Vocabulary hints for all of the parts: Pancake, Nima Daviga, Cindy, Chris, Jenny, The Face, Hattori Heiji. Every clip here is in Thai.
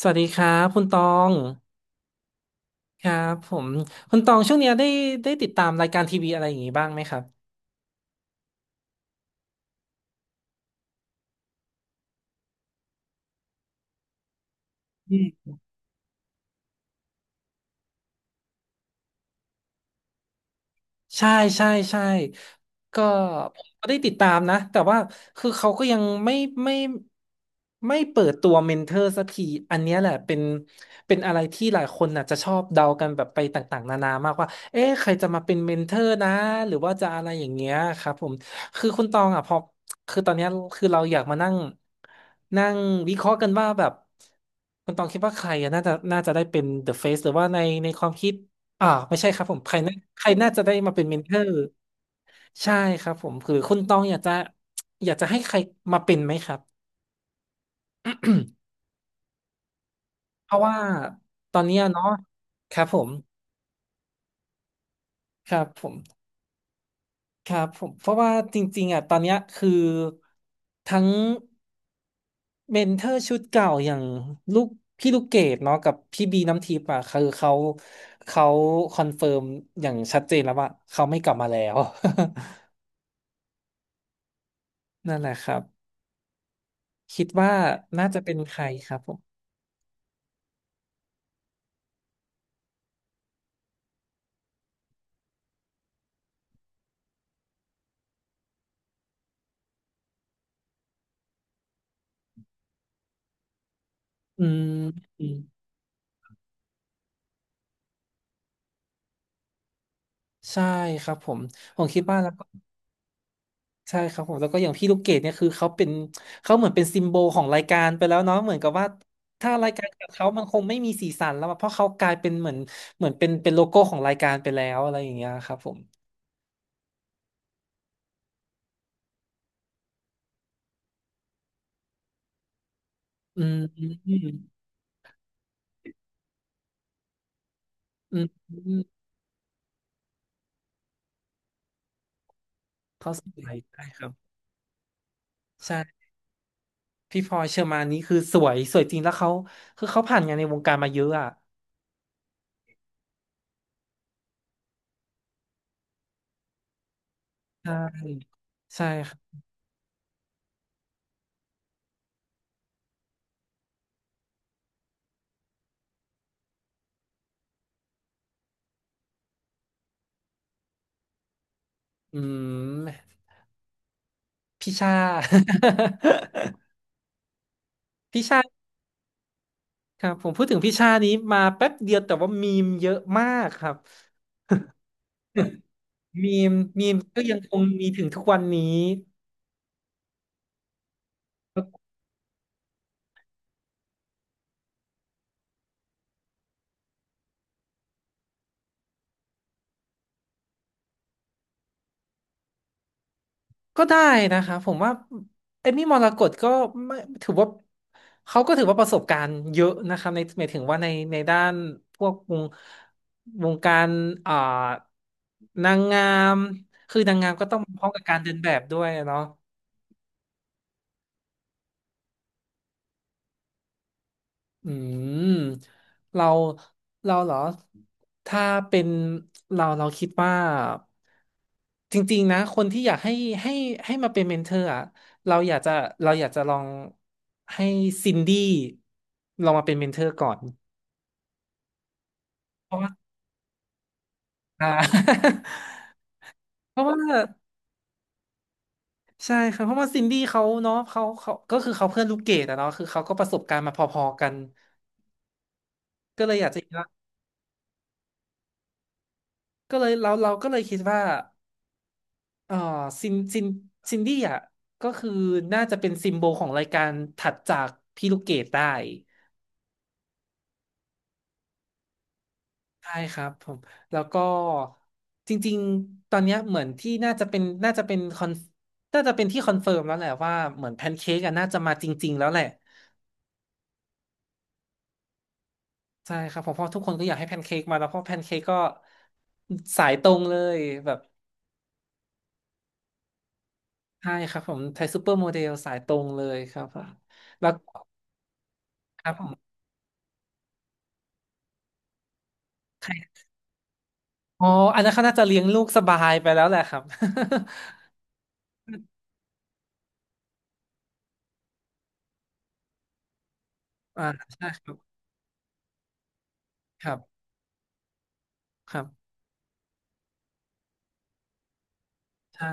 สวัสดีครับคุณตองครับผมคุณตองช่วงเนี้ยได้ได้ติดตามรายการทีวีอะไรอย่างงี้บ้างไหมครับ ใช่ใช่ใช่ก็ผมก็ได้ติดตามนะแต่ว่าคือเขาก็ยังไม่ไม่ไม่เปิดตัวเมนเทอร์สักทีอันเนี้ยแหละเป็นเป็นอะไรที่หลายคนน่ะจะชอบเดากันแบบไปต่างๆนานามากว่าเอ๊ะใครจะมาเป็นเมนเทอร์นะหรือว่าจะอะไรอย่างเงี้ยครับผมคือคุณตองอ่ะพอคือตอนเนี้ยคือเราอยากมานั่งนั่งวิเคราะห์กันว่าแบบคุณตองคิดว่าใครอ่ะน่าจะน่าจะได้เป็น The Face หรือว่าในในความคิด อ่าไม่ใช่ครับผมใครน่าใครน่าจะได้มาเป็นเมนเทอร์ใช่ครับผมคือคุณต้องอยากจะอยากจะให้ใครมาเป็นไหมครับ เพราะว่าตอนเนี้ยเนาะครับผมครับผมครับผมเพราะว่าจริงๆอ่ะตอนเนี้ยคือทั้งเมนเทอร์ชุดเก่าอย่างลูกพี่ลูกเกดเนาะกับพี่บีน้ำทิพย์อ่ะคือเขาเขาคอนเฟิร์มอย่างชัดเจนแล้วว่าเขาไม่กลับมาแล้ว นั่นแหละครับ คิดว่าน่าจะเป็นใครครับผมอืมอืมใช่ครับผมผมคิดว่าแล้วก็ใช่ครับผมแล้วก็อย่างพี่ลูกเกดเนี่ยคือเขาเป็นเขาเหมือนเป็นซิมโบลของรายการไปแล้วเนาะเหมือนกับว่าถ้ารายการกับเขามันคงไม่มีสีสันแล้วอะเพราะเขากลายเป็นเหมือนเหมือนเป็นเป็นโลโก้ของรายการไปแล้วอะไรอย่างเงี้ยครับผมอืมอืมอืมอืมอืมเขาสวยได้ครับใช่พี่พลอยเชอร์มานนี่คือสวยสวยจริงแล้วเขาคือเขาผ่านงานในวงการมาเยอะอ่ะใช่ใช่ครับอืม พี่ชา พี่ชาครับผมพูดถึงพี่ชานี้มาแป๊บเดียวแต่ว่ามีมเยอะมากครับมีมมีมก็ยังคงมีถึงทุกวันนี้ก็ได้นะครับผมว่าเอมมี่มรกตก็ไม่ถือว่าเขาก็ถือว่าประสบการณ์เยอะนะครับในหมายถึงว่าในในด้านพวกวงวงการอ่านางงามคือนางงามก็ต้องพร้อมกับการเดินแบบด้วยอะเนาะ อืมเราเราเหรอถ้าเป็นเราเราคิดว่าจริงๆนะคนที่อยากให้ให้ให้มาเป็นเมนเทอร์อะเราอยากจะเราอยากจะลองให้ซินดี้ลองมาเป็นเมนเทอร์ก่อนเพราะว่าอ่า เพราะว่าใช่ครับเพราะว่าซินดี้เขาเนาะเขาเขาก็คือเขาเพื่อนลูกเกดอะเนาะคือเขาก็ประสบการณ์มาพอๆกันก็เลยอยากจะก็เลยเราเราก็เลยคิดว่า เอ่อซินซินซินดี้อ่ะก็คือน่าจะเป็นซิมโบลของรายการถัดจากพี่ลูกเกดได้ใช่ครับผมแล้วก็จริงๆตอนเนี้ยเหมือนที่น่าจะเป็นน่าจะเป็นคอนน่าจะเป็นที่คอนเฟิร์มแล้วแหละว่าเหมือนแพนเค้กอะน่าจะมาจริงๆแล้วแหละใช่ครับผมเพราะทุกคนก็อยากให้แพนเค้กมาแล้วเพราะแพนเค้กก็สายตรงเลยแบบใช่ครับผมไทยซูเปอร์โมเดลสายตรงเลยครับผมแล้วครับผมใคร อ๋ออันนั้นเขาน่าจะเลี้ยงลูกสบายไปแล้วแหละครับ อ่าใช่ครับครับครับใช่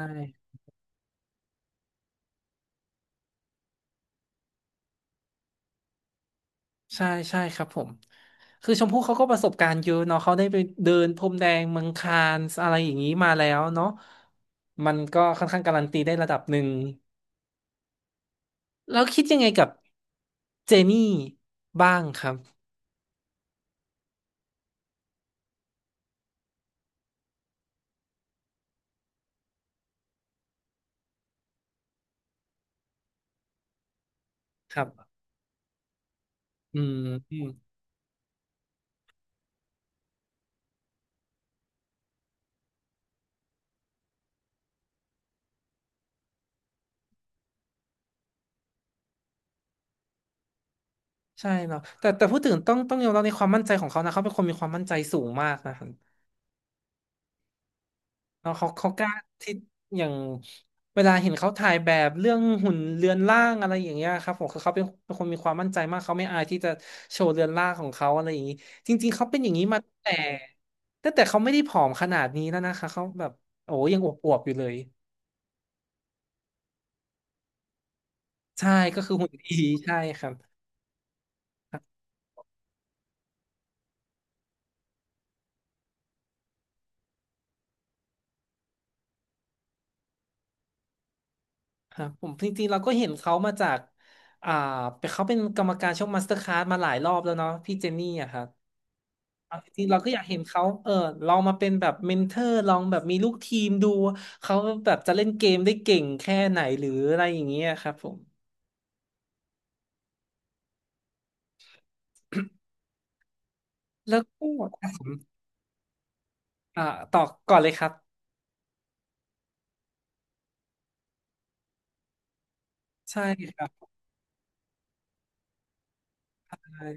ใช่ใช่ครับผมคือชมพู่เขาก็ประสบการณ์เยอะเนาะเขาได้ไปเดินพรมแดงเมืองคานส์อะไรอย่างนี้มาแล้วเนาะมันก็ค่อนข้างการันตีได้ระดับหนึ่งแล้วคิดยังไงกับเจนี่บ้างครับครับอืมอืมใช่เนาะแต่แต่พูดถึงต้องต้องยอมรับในความมั่นใจของเขานะเขาเป็นคนมีความมั่นใจสูงมากนะครับ เนาะเขาเขากล้าที่อย่างเวลาเห็นเขาถ่ายแบบเรื่องหุ่นเรือนร่างอะไรอย่างเงี้ยครับผมคือเขาเป็นเป็นคนมีความมั่นใจมากเขาไม่อายที่จะโชว์เรือนร่างของเขาอะไรอย่างงี้จริงๆเขาเป็นอย่างนี้มาตั้งแต่ตั้งแต่เขาไม่ได้ผอมขนาดนี้แล้วนะคะเขาแบบโอ้ยังอวบๆอยู่เลยใช่ก็คือหุ่นดีใช่ครับครับผมจริงๆเราก็เห็นเขามาจากอ่าเป็นเขาเป็นกรรมการช่องมาสเตอร์คลาสมาหลายรอบแล้วเนาะพี่เจนนี่อะครับ เอาจริงๆเราก็อยากเห็นเขาลองมาเป็นแบบเมนเทอร์ลองแบบมีลูกทีมดูเขาแบบจะเล่นเกมได้เก่งแค่ไหนหรืออะไรอย่างเงี้ยครับผมแล้วก็อ่ะผมอ่าต่อก่อนเลยครับใช่ครับใช่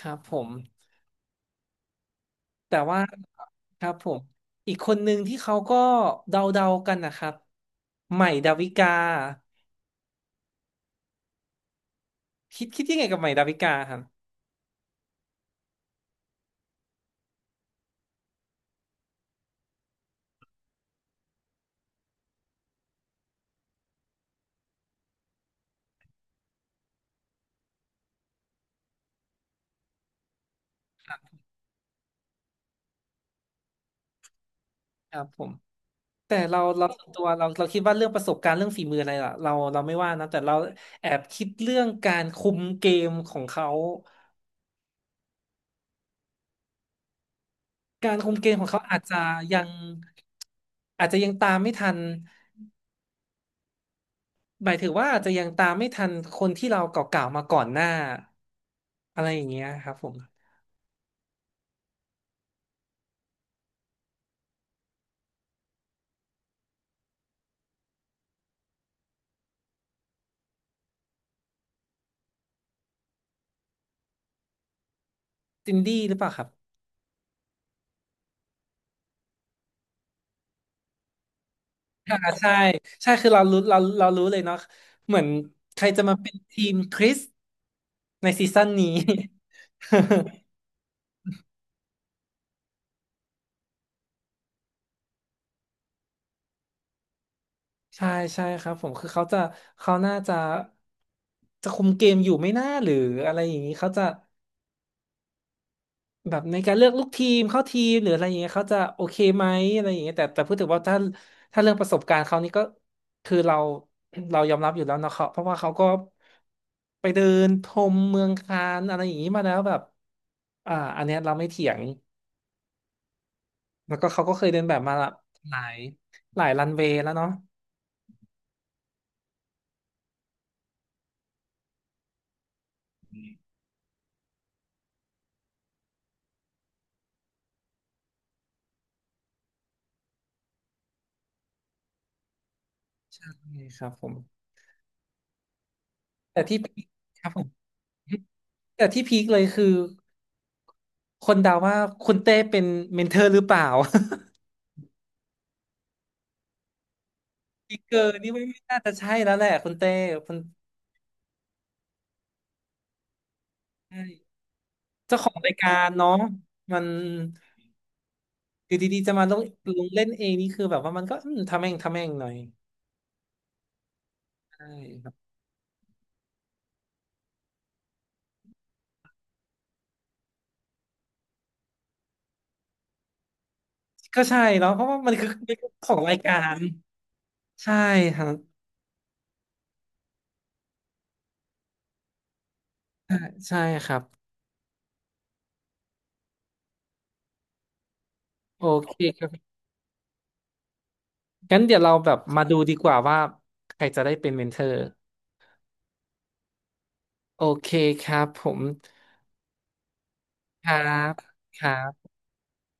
ครับผมแต่ว่าครับผมอีกคนหนึ่งที่เขาก็เดาๆกันนะครับใหม่ดาวิกาคิดยังไงกับใหม่ดาวิกาครับครับผม แต่เราส่วนตัวเราคิดว่าเรื่องประสบการณ์เรื่องฝีมืออะไรล่ะเราไม่ว่านะแต่เราแอบคิดเรื่องการคุมเกมของเขาการคุมเกมของเขายังอาจจะยังตามไม่ทันหมายถึงว่าอาจจะยังตามไม่ทันคนที่เราเก่าๆมาก่อนหน้าอะไรอย่างเงี้ยครับผมซินดี้หรือเปล่าครับค่ะใช่ใช่คือเรารู้เรารู้เลยเนาะเหมือนใครจะมาเป็นทีมคริสในซีซั่นนี้ ใช่ใช่ครับผมคือเขาจะเขาน่าจะจะคุมเกมอยู่ไม่น่าหรืออะไรอย่างนี้เขาจะแบบในการเลือกลูกทีมเข้าทีมหรืออะไรอย่างเงี้ยเขาจะโอเคไหมอะไรอย่างเงี้ยแต่แต่พูดถึงว่าถ้าถ้าเรื่องประสบการณ์เขานี่ก็คือเราเรายอมรับอยู่แล้วเนาะเขาเพราะว่าเขาก็ไปเดินชมเมืองคานอะไรอย่างนี้มาแล้วแบบอันเนี้ยเราไม่เถียงแล้วก็เขาก็เคยเดินแบบมาละหลายหลายรันเวย์แล้วเนาะใช่ครับผมแต่ที่ครับผม แต่ที่พีคเลยคือคนเดาว่าคุณเต้เป็นเมนเทอร์หรือเปล่า พีคเกอร์นี่ไม่ไม่น่าจะใช่แล้วแหละคุณเต้คุณใช่เจ้าของรายการเนาะมันอยู่ดีๆจะมาลงลงเล่นเองนี่คือแบบว่ามันก็ทำแม่งทำแม่งหน่อยใช่ครับก็ใช่เนาะเพราะว่ามันคือ มันคือของรายการใช่ครับใช่ใช่ครับโอเคครับงั้นเดี๋ยวเราแบบมาดูดีกว่าว่าใครจะได้เป็นเมนเทอร์โอเคครับผมครับครับ